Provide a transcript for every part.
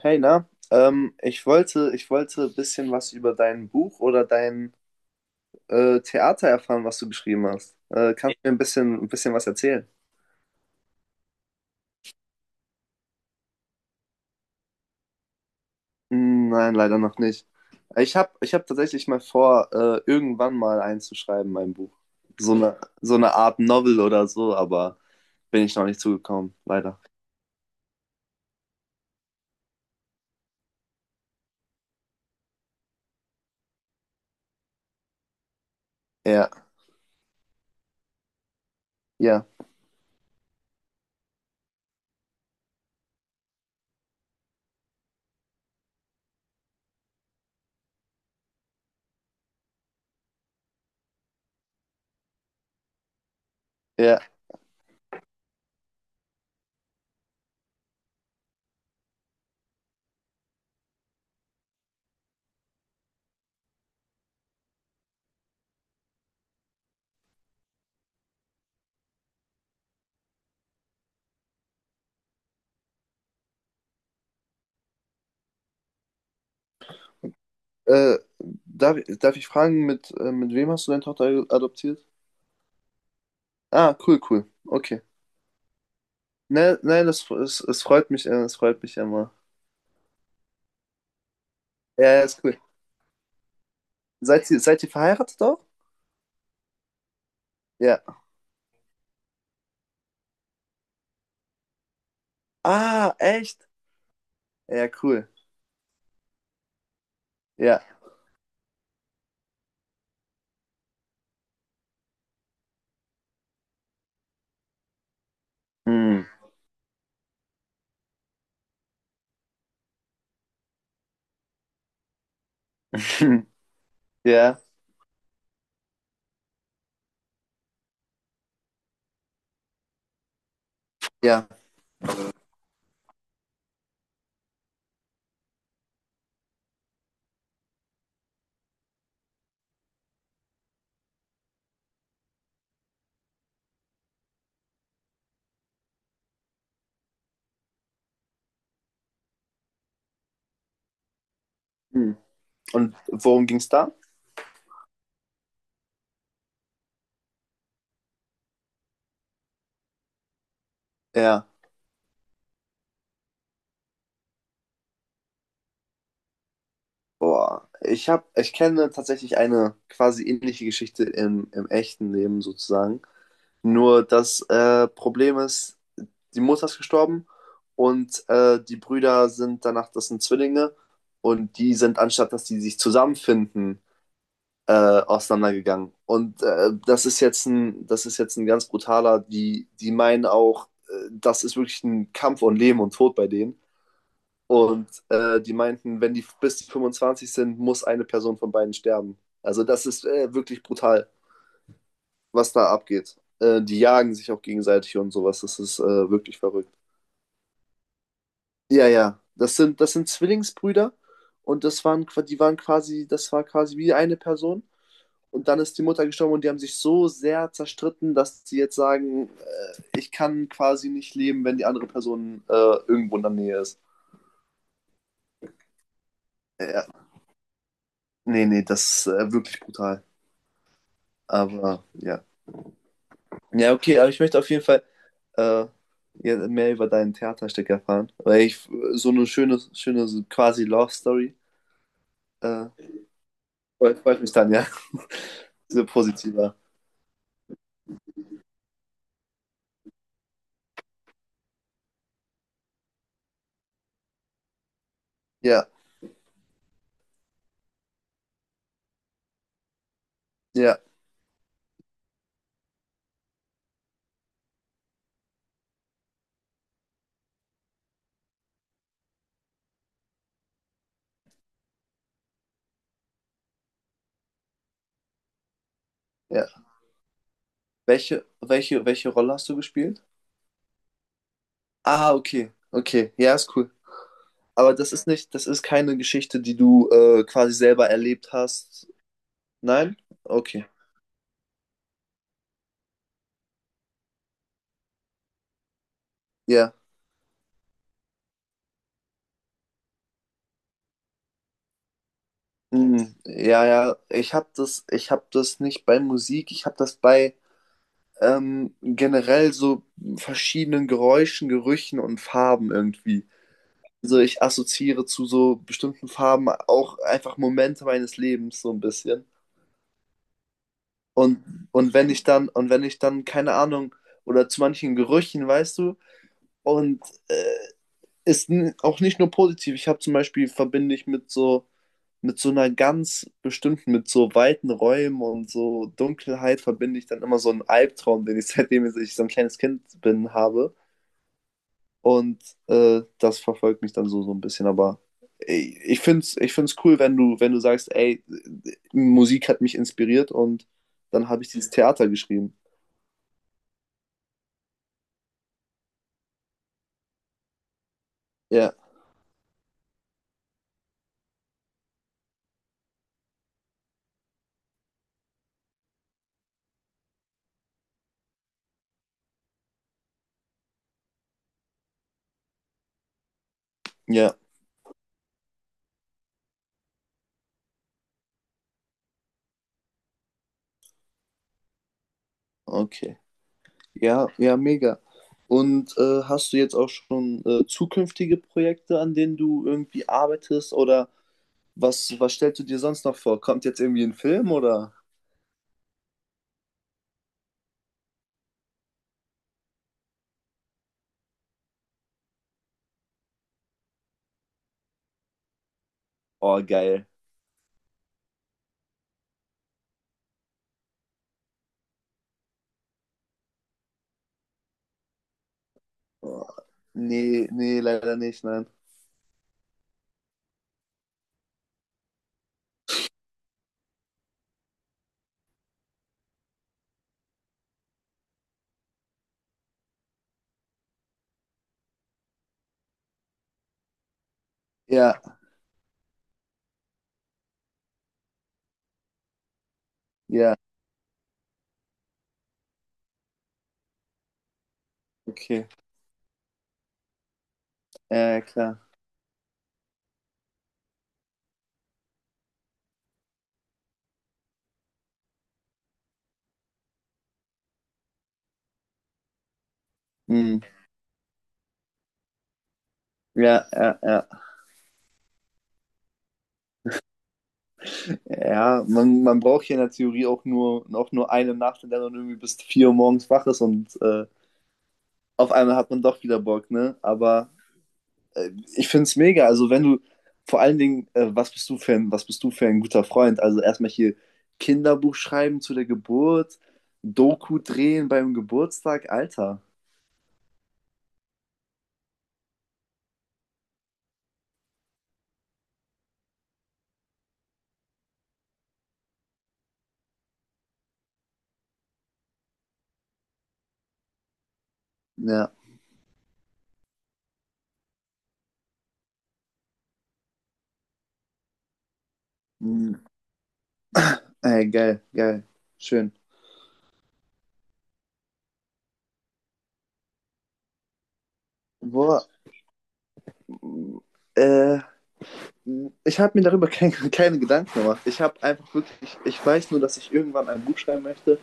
Hey, na, ich wollte ein bisschen was über dein Buch oder dein Theater erfahren, was du geschrieben hast. Kannst du mir ein bisschen was erzählen? Hm, nein, leider noch nicht. Ich hab tatsächlich mal vor, irgendwann mal einzuschreiben, mein Buch. So eine Art Novel oder so, aber bin ich noch nicht zugekommen, leider. Ja, ja, ja. Äh, darf ich fragen, mit wem hast du deine Tochter adoptiert? Ah, cool, cool. Okay. Nein, nein, es freut mich immer. Ja, ja, ist cool. Seid ihr verheiratet auch? Ja. Ah, echt? Ja, cool. Ja. Hm. Ja. Ja. Hm. Und worum ging's da? Ja. Boah. Ich kenne tatsächlich eine quasi ähnliche Geschichte im echten Leben sozusagen. Nur das Problem ist, die Mutter ist gestorben und die Brüder sind danach, das sind Zwillinge, und die sind, anstatt dass die sich zusammenfinden, auseinandergegangen. Und das ist jetzt ein ganz brutaler, die meinen auch, das ist wirklich ein Kampf um Leben und Tod bei denen. Und die meinten, wenn die bis die 25 sind, muss eine Person von beiden sterben. Also das ist wirklich brutal, was da abgeht. Die jagen sich auch gegenseitig und sowas. Das ist wirklich verrückt. Ja, ja. Das sind Zwillingsbrüder, und das war quasi wie eine Person. Und dann ist die Mutter gestorben, und die haben sich so sehr zerstritten, dass sie jetzt sagen, ich kann quasi nicht leben, wenn die andere Person irgendwo in der Nähe ist. Ja, nee, nee, das ist wirklich brutal. Aber ja. Ja, okay, aber ich möchte auf jeden Fall äh, ja, mehr über deinen Theaterstück erfahren. Weil ich so eine schöne, schöne so quasi Love Story. Äh, freut mich dann, ja. Diese positiver. Ja, ja, ja. Welche Rolle hast du gespielt? Ah, okay. Okay. Ja, ist cool. Aber das ist keine Geschichte, die du quasi selber erlebt hast. Nein? Okay. Ja. Mhm. Ja, ja. Ich habe das nicht bei Musik, ich habe das bei generell so verschiedenen Geräuschen, Gerüchen und Farben irgendwie. Also ich assoziiere zu so bestimmten Farben auch einfach Momente meines Lebens so ein bisschen. Und wenn ich dann, keine Ahnung, oder zu manchen Gerüchen, weißt du, und äh, ist auch nicht nur positiv. Ich habe zum Beispiel, verbinde ich mit so einer ganz bestimmten, mit so weiten Räumen und so Dunkelheit verbinde ich dann immer so einen Albtraum, den ich seitdem ich so ein kleines Kind bin, habe. Und das verfolgt mich dann so ein bisschen. Aber ey, ich finde es ich find's cool, wenn du, wenn du sagst, ey, Musik hat mich inspiriert, und dann habe ich dieses Theater geschrieben. Ja, ja, okay. Ja, ja, mega. Und hast du jetzt auch schon zukünftige Projekte, an denen du irgendwie arbeitest? Oder was stellst du dir sonst noch vor? Kommt jetzt irgendwie ein Film oder? Oh, geil. Oh, nee, nee, leider nicht, nein. Ja, ja, okay. Ja, ja, klar. Hm. Ja, ja, ja. Ja, man braucht hier in der Theorie auch nur eine Nacht, in der man irgendwie bis 4 Uhr morgens wach ist und auf einmal hat man doch wieder Bock, ne? Aber. Ich finde es mega. Also wenn du, vor allen Dingen, was bist du für ein guter Freund? Also erstmal hier Kinderbuch schreiben zu der Geburt, Doku drehen beim Geburtstag, Alter. Ja. Mhm. Ey, geil, geil. Schön. Boah, äh, ich habe mir darüber keine Gedanken gemacht. Ich habe einfach wirklich, ich weiß nur, dass ich irgendwann ein Buch schreiben möchte,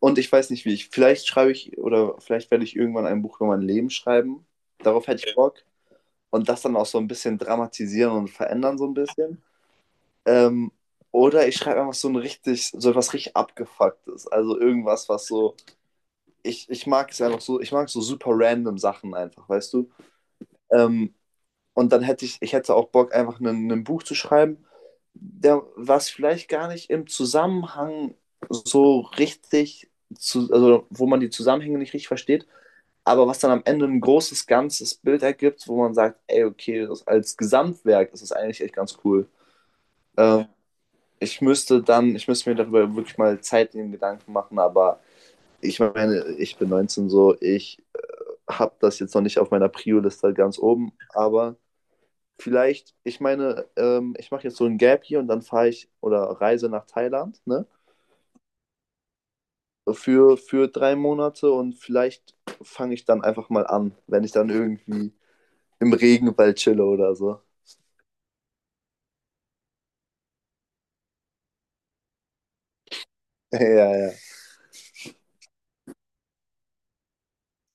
und ich weiß nicht wie. Vielleicht schreibe ich, oder vielleicht werde ich irgendwann ein Buch über mein Leben schreiben. Darauf hätte ich Bock. Und das dann auch so ein bisschen dramatisieren und verändern so ein bisschen. Ähm, oder ich schreibe einfach so etwas richtig abgefucktes. Also irgendwas, was so. Ich mag es einfach so, ich mag so super random Sachen einfach, weißt du? Ähm, und dann ich hätte auch Bock, einfach ein Buch zu schreiben, was vielleicht gar nicht im Zusammenhang so richtig, also wo man die Zusammenhänge nicht richtig versteht, aber was dann am Ende ein großes, ganzes Bild ergibt, wo man sagt, ey, okay, als Gesamtwerk ist das eigentlich echt ganz cool. Ähm, ich müsste mir darüber wirklich mal Zeit in den Gedanken machen, aber ich meine, ich bin 19 so, ich habe das jetzt noch nicht auf meiner Prio-Liste ganz oben, aber vielleicht, ich meine, ich mache jetzt so ein Gap hier und dann fahre ich oder reise nach Thailand, ne? Für 3 Monate, und vielleicht fange ich dann einfach mal an, wenn ich dann irgendwie im Regenwald chille oder so. Ja, ja.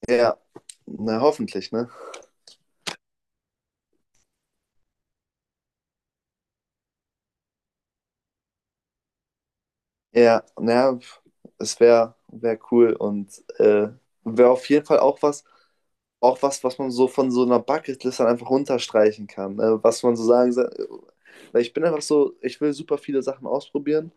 Ja, na hoffentlich, ne? Ja, naja, es wäre wär wär cool, und äh, wäre auf jeden Fall auch was, was man so von so einer Bucketlist dann einfach runterstreichen kann. Ne? Was man so sagen weil ich bin einfach so, ich will super viele Sachen ausprobieren,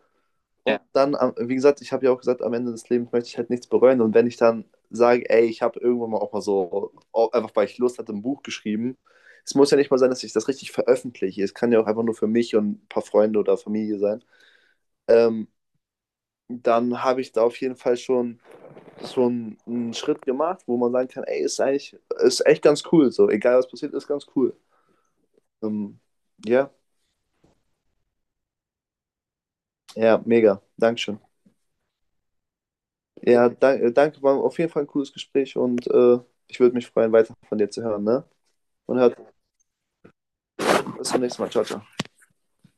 und ja, dann, wie gesagt, ich habe ja auch gesagt, am Ende des Lebens möchte ich halt nichts bereuen, und wenn ich dann sage, ey, ich habe irgendwann mal auch mal so, auch einfach weil ich Lust hatte, ein Buch geschrieben. Es muss ja nicht mal sein, dass ich das richtig veröffentliche. Es kann ja auch einfach nur für mich und ein paar Freunde oder Familie sein. Ähm, dann habe ich da auf jeden Fall schon so einen Schritt gemacht, wo man sagen kann, ey, ist echt ganz cool, so, egal was passiert, ist ganz cool. Ähm, ja, ja, mega, Dankeschön. Ja, danke, danke, war auf jeden Fall ein cooles Gespräch, und ich würde mich freuen, weiter von dir zu hören, ne? Und hört, Bis zum nächsten Mal, ciao, ciao.